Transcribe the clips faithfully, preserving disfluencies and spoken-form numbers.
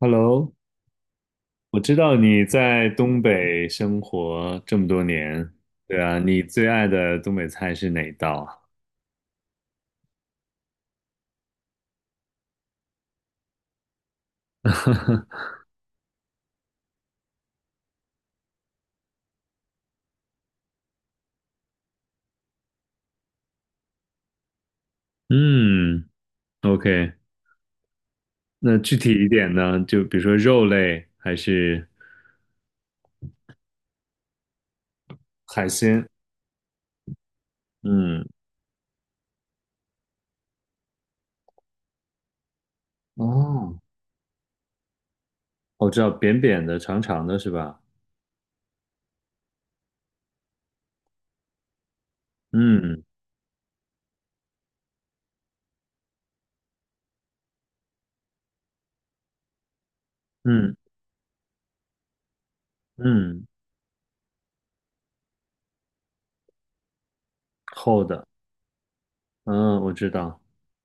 Hello，我知道你在东北生活这么多年，对啊，你最爱的东北菜是哪一道啊？嗯，O K,那具体一点呢？就比如说肉类还是海鲜？嗯，哦，我知道扁扁的、长长的是吧？嗯嗯嗯，厚的，嗯，我知道，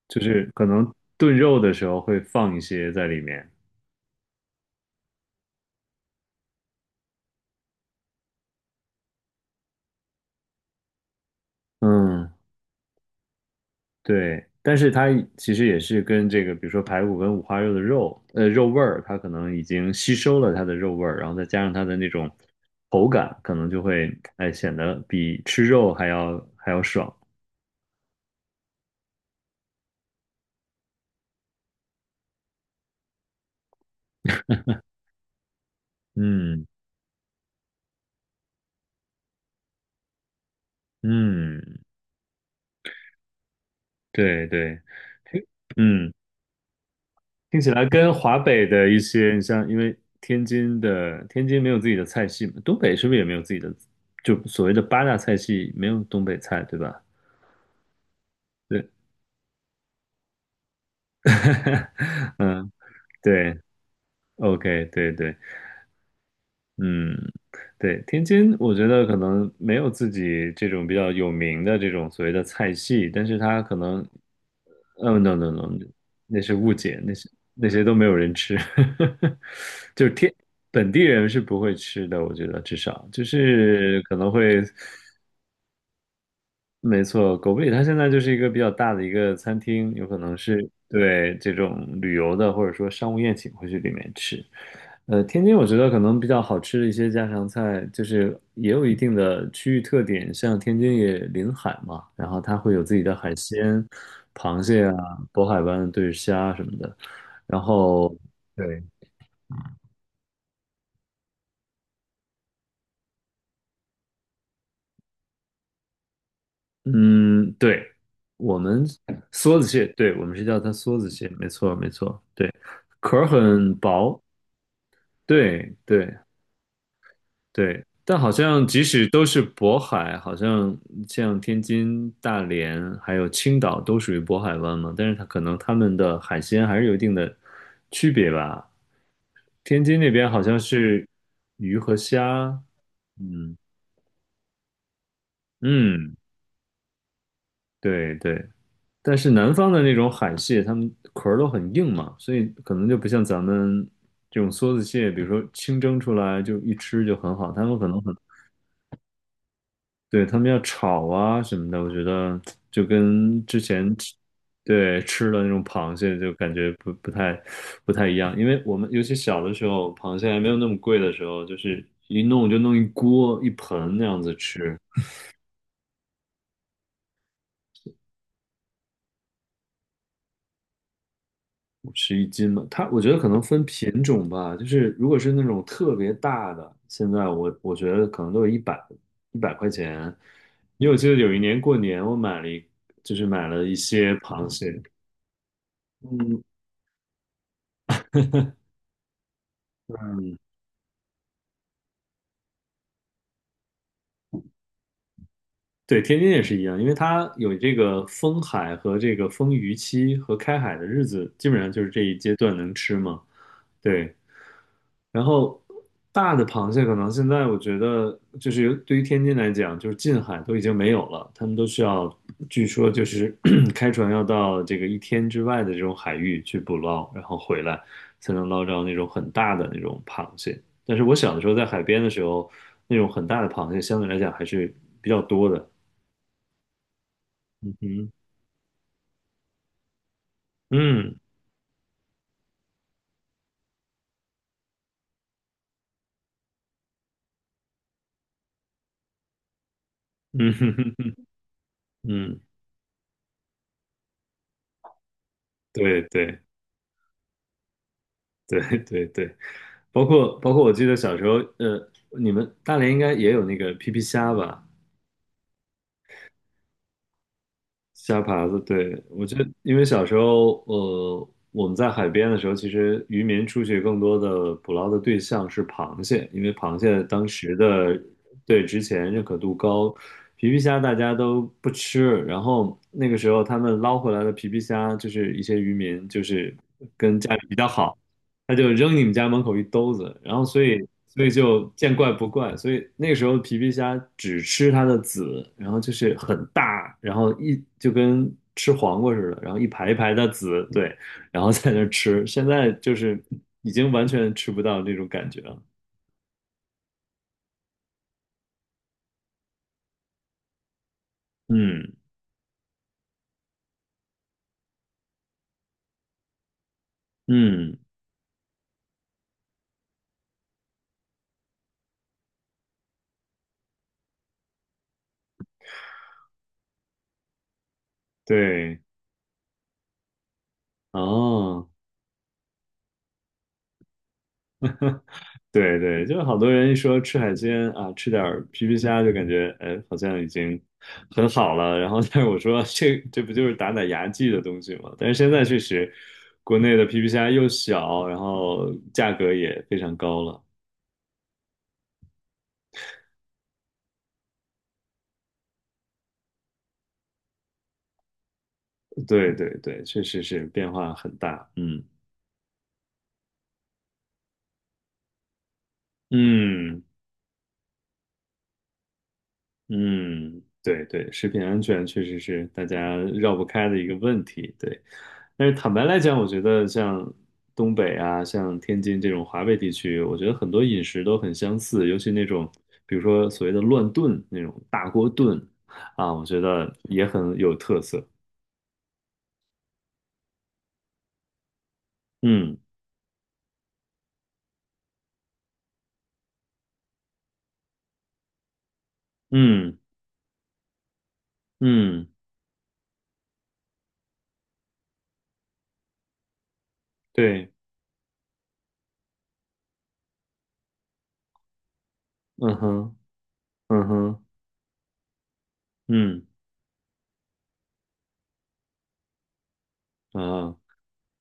就是可能炖肉的时候会放一些在里面。嗯对，但是它其实也是跟这个，比如说排骨跟五花肉的肉，呃，肉味儿，它可能已经吸收了它的肉味儿，然后再加上它的那种口感，可能就会，哎，显得比吃肉还要还要爽。嗯嗯，对对，听嗯，听起来跟华北的一些，你像因为天津的天津没有自己的菜系嘛，东北是不是也没有自己的，就所谓的八大菜系没有东北菜，对吧？对，嗯，对。OK,对对，嗯，对，天津，我觉得可能没有自己这种比较有名的这种所谓的菜系，但是它可能，嗯 n o no no,那是误解，那些那些都没有人吃，就是天本地人是不会吃的，我觉得至少就是可能会。没错，狗不理它现在就是一个比较大的一个餐厅，有可能是对这种旅游的或者说商务宴请会去里面吃。呃，天津我觉得可能比较好吃的一些家常菜，就是也有一定的区域特点，像天津也临海嘛，然后它会有自己的海鲜，螃蟹啊、渤海湾的对虾什么的，然后对，嗯，对，我们梭子蟹，对，我们是叫它梭子蟹，没错没错，对，壳儿很薄，对对对，但好像即使都是渤海，好像像天津、大连还有青岛都属于渤海湾嘛，但是它可能它们的海鲜还是有一定的区别吧。天津那边好像是鱼和虾，嗯嗯，对对，但是南方的那种海蟹，它们壳儿都很硬嘛，所以可能就不像咱们这种梭子蟹，比如说清蒸出来就一吃就很好，它们可能很对，他们要炒啊什么的，我觉得就跟之前吃对吃的那种螃蟹就感觉不不太不太一样，因为我们尤其小的时候，螃蟹还没有那么贵的时候，就是一弄就弄一锅一盆那样子吃，吃一斤嘛。它我觉得可能分品种吧，就是如果是那种特别大的，现在我我觉得可能都有一百一百块钱，因为我记得有一年过年我买了一就是买了一些螃蟹。嗯，对，天津也是一样，因为它有这个封海和这个封渔期和开海的日子，基本上就是这一阶段能吃嘛。对，然后大的螃蟹可能现在我觉得就是有对于天津来讲，就是近海都已经没有了，他们都需要，据说就是 开船要到这个一天之外的这种海域去捕捞，然后回来才能捞着那种很大的那种螃蟹。但是我小的时候在海边的时候，那种很大的螃蟹相对来讲还是比较多的。嗯。嗯嗯 嗯，对对对对对，包括包括我记得小时候，呃，你们大连应该也有那个皮皮虾吧，虾爬子。对，我觉得，因为小时候，呃，我们在海边的时候，其实渔民出去更多的捕捞的对象是螃蟹，因为螃蟹当时的对之前认可度高，皮皮虾大家都不吃，然后那个时候他们捞回来的皮皮虾，就是一些渔民就是跟家里比较好。他就扔你们家门口一兜子，然后所以所以就见怪不怪，所以那个时候皮皮虾只吃它的籽，然后就是很大，然后一就跟吃黄瓜似的，然后一排一排的籽，对，然后在那儿吃，现在就是已经完全吃不到那种感觉了，嗯嗯，对，哦。对对，就好多人一说吃海鲜啊，吃点儿皮皮虾就感觉哎，好像已经很好了。然后，但是我说这这不就是打打牙祭的东西吗？但是现在确实，国内的皮皮虾又小，然后价格也非常高了。对对对，确实是变化很大。嗯嗯。嗯，对对，食品安全确实是大家绕不开的一个问题。对，但是坦白来讲，我觉得像东北啊，像天津这种华北地区，我觉得很多饮食都很相似，尤其那种比如说所谓的乱炖那种大锅炖啊，我觉得也很有特色。嗯嗯嗯，对，嗯哼，嗯哼，嗯啊。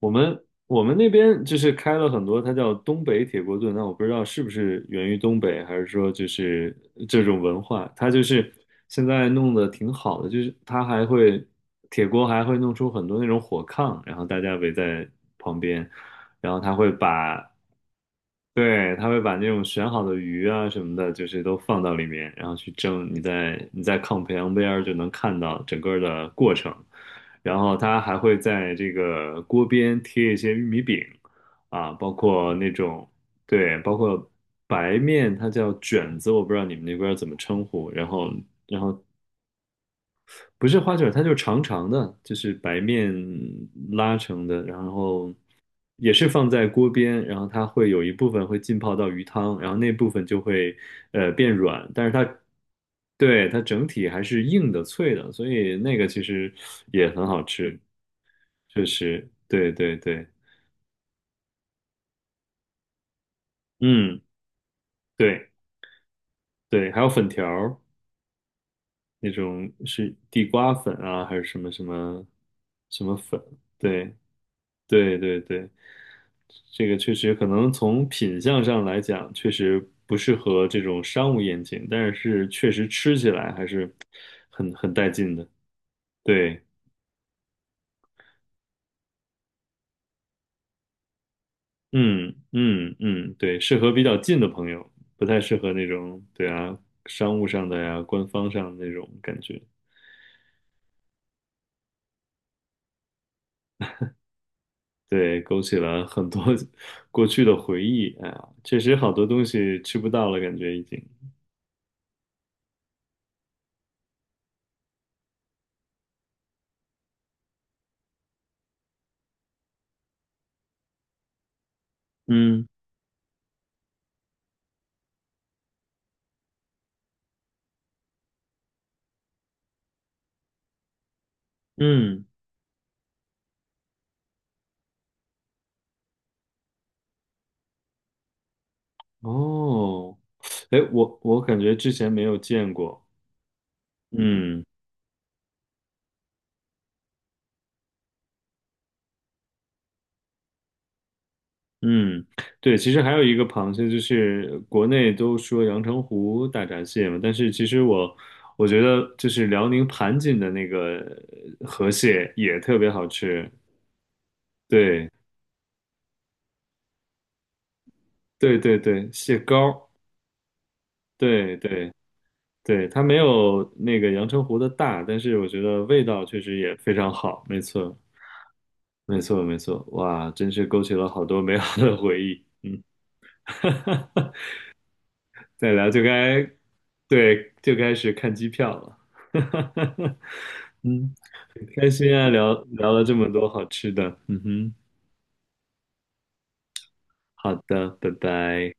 我们我们那边就是开了很多，它叫东北铁锅炖。那我不知道是不是源于东北，还是说就是这种文化，它就是现在弄得挺好的，就是它还会铁锅还会弄出很多那种火炕，然后大家围在旁边，然后它会把对，他会把那种选好的鱼啊什么的，就是都放到里面，然后去蒸。你在你在炕旁边儿就能看到整个的过程。然后他还会在这个锅边贴一些玉米饼，啊，包括那种，对，包括白面，它叫卷子，我不知道你们那边儿怎么称呼。然后不是花卷儿它就是长长的，就是白面拉成的，然后也是放在锅边，然后它会有一部分会浸泡到鱼汤，然后那部分就会呃变软，但是它对它整体还是硬的脆的，所以那个其实也很好吃，确实，对对对，嗯，对对，还有粉条儿那种是地瓜粉啊，还是什么什么什么粉，对对对对。这个确实可能从品相上来讲，确实不适合这种商务宴请，但是确实吃起来还是很很带劲的。对，嗯嗯嗯，对，适合比较近的朋友，不太适合那种，对啊，商务上的呀，官方上的那种感觉。对，勾起了很多 过去的回忆。哎呀，确实好多东西吃不到了，感觉已经。嗯嗯，哦，哎，我我感觉之前没有见过。嗯嗯，对，其实还有一个螃蟹，就是国内都说阳澄湖大闸蟹嘛，但是其实我我觉得就是辽宁盘锦的那个呃河蟹也特别好吃，对对对对，蟹膏，对对对，它没有那个阳澄湖的大，但是我觉得味道确实也非常好，没错没错没错，哇，真是勾起了好多美好的回忆，嗯 再聊就该对就开始看机票了。嗯，很开心啊，聊聊了这么多好吃的。嗯哼，好的，拜拜。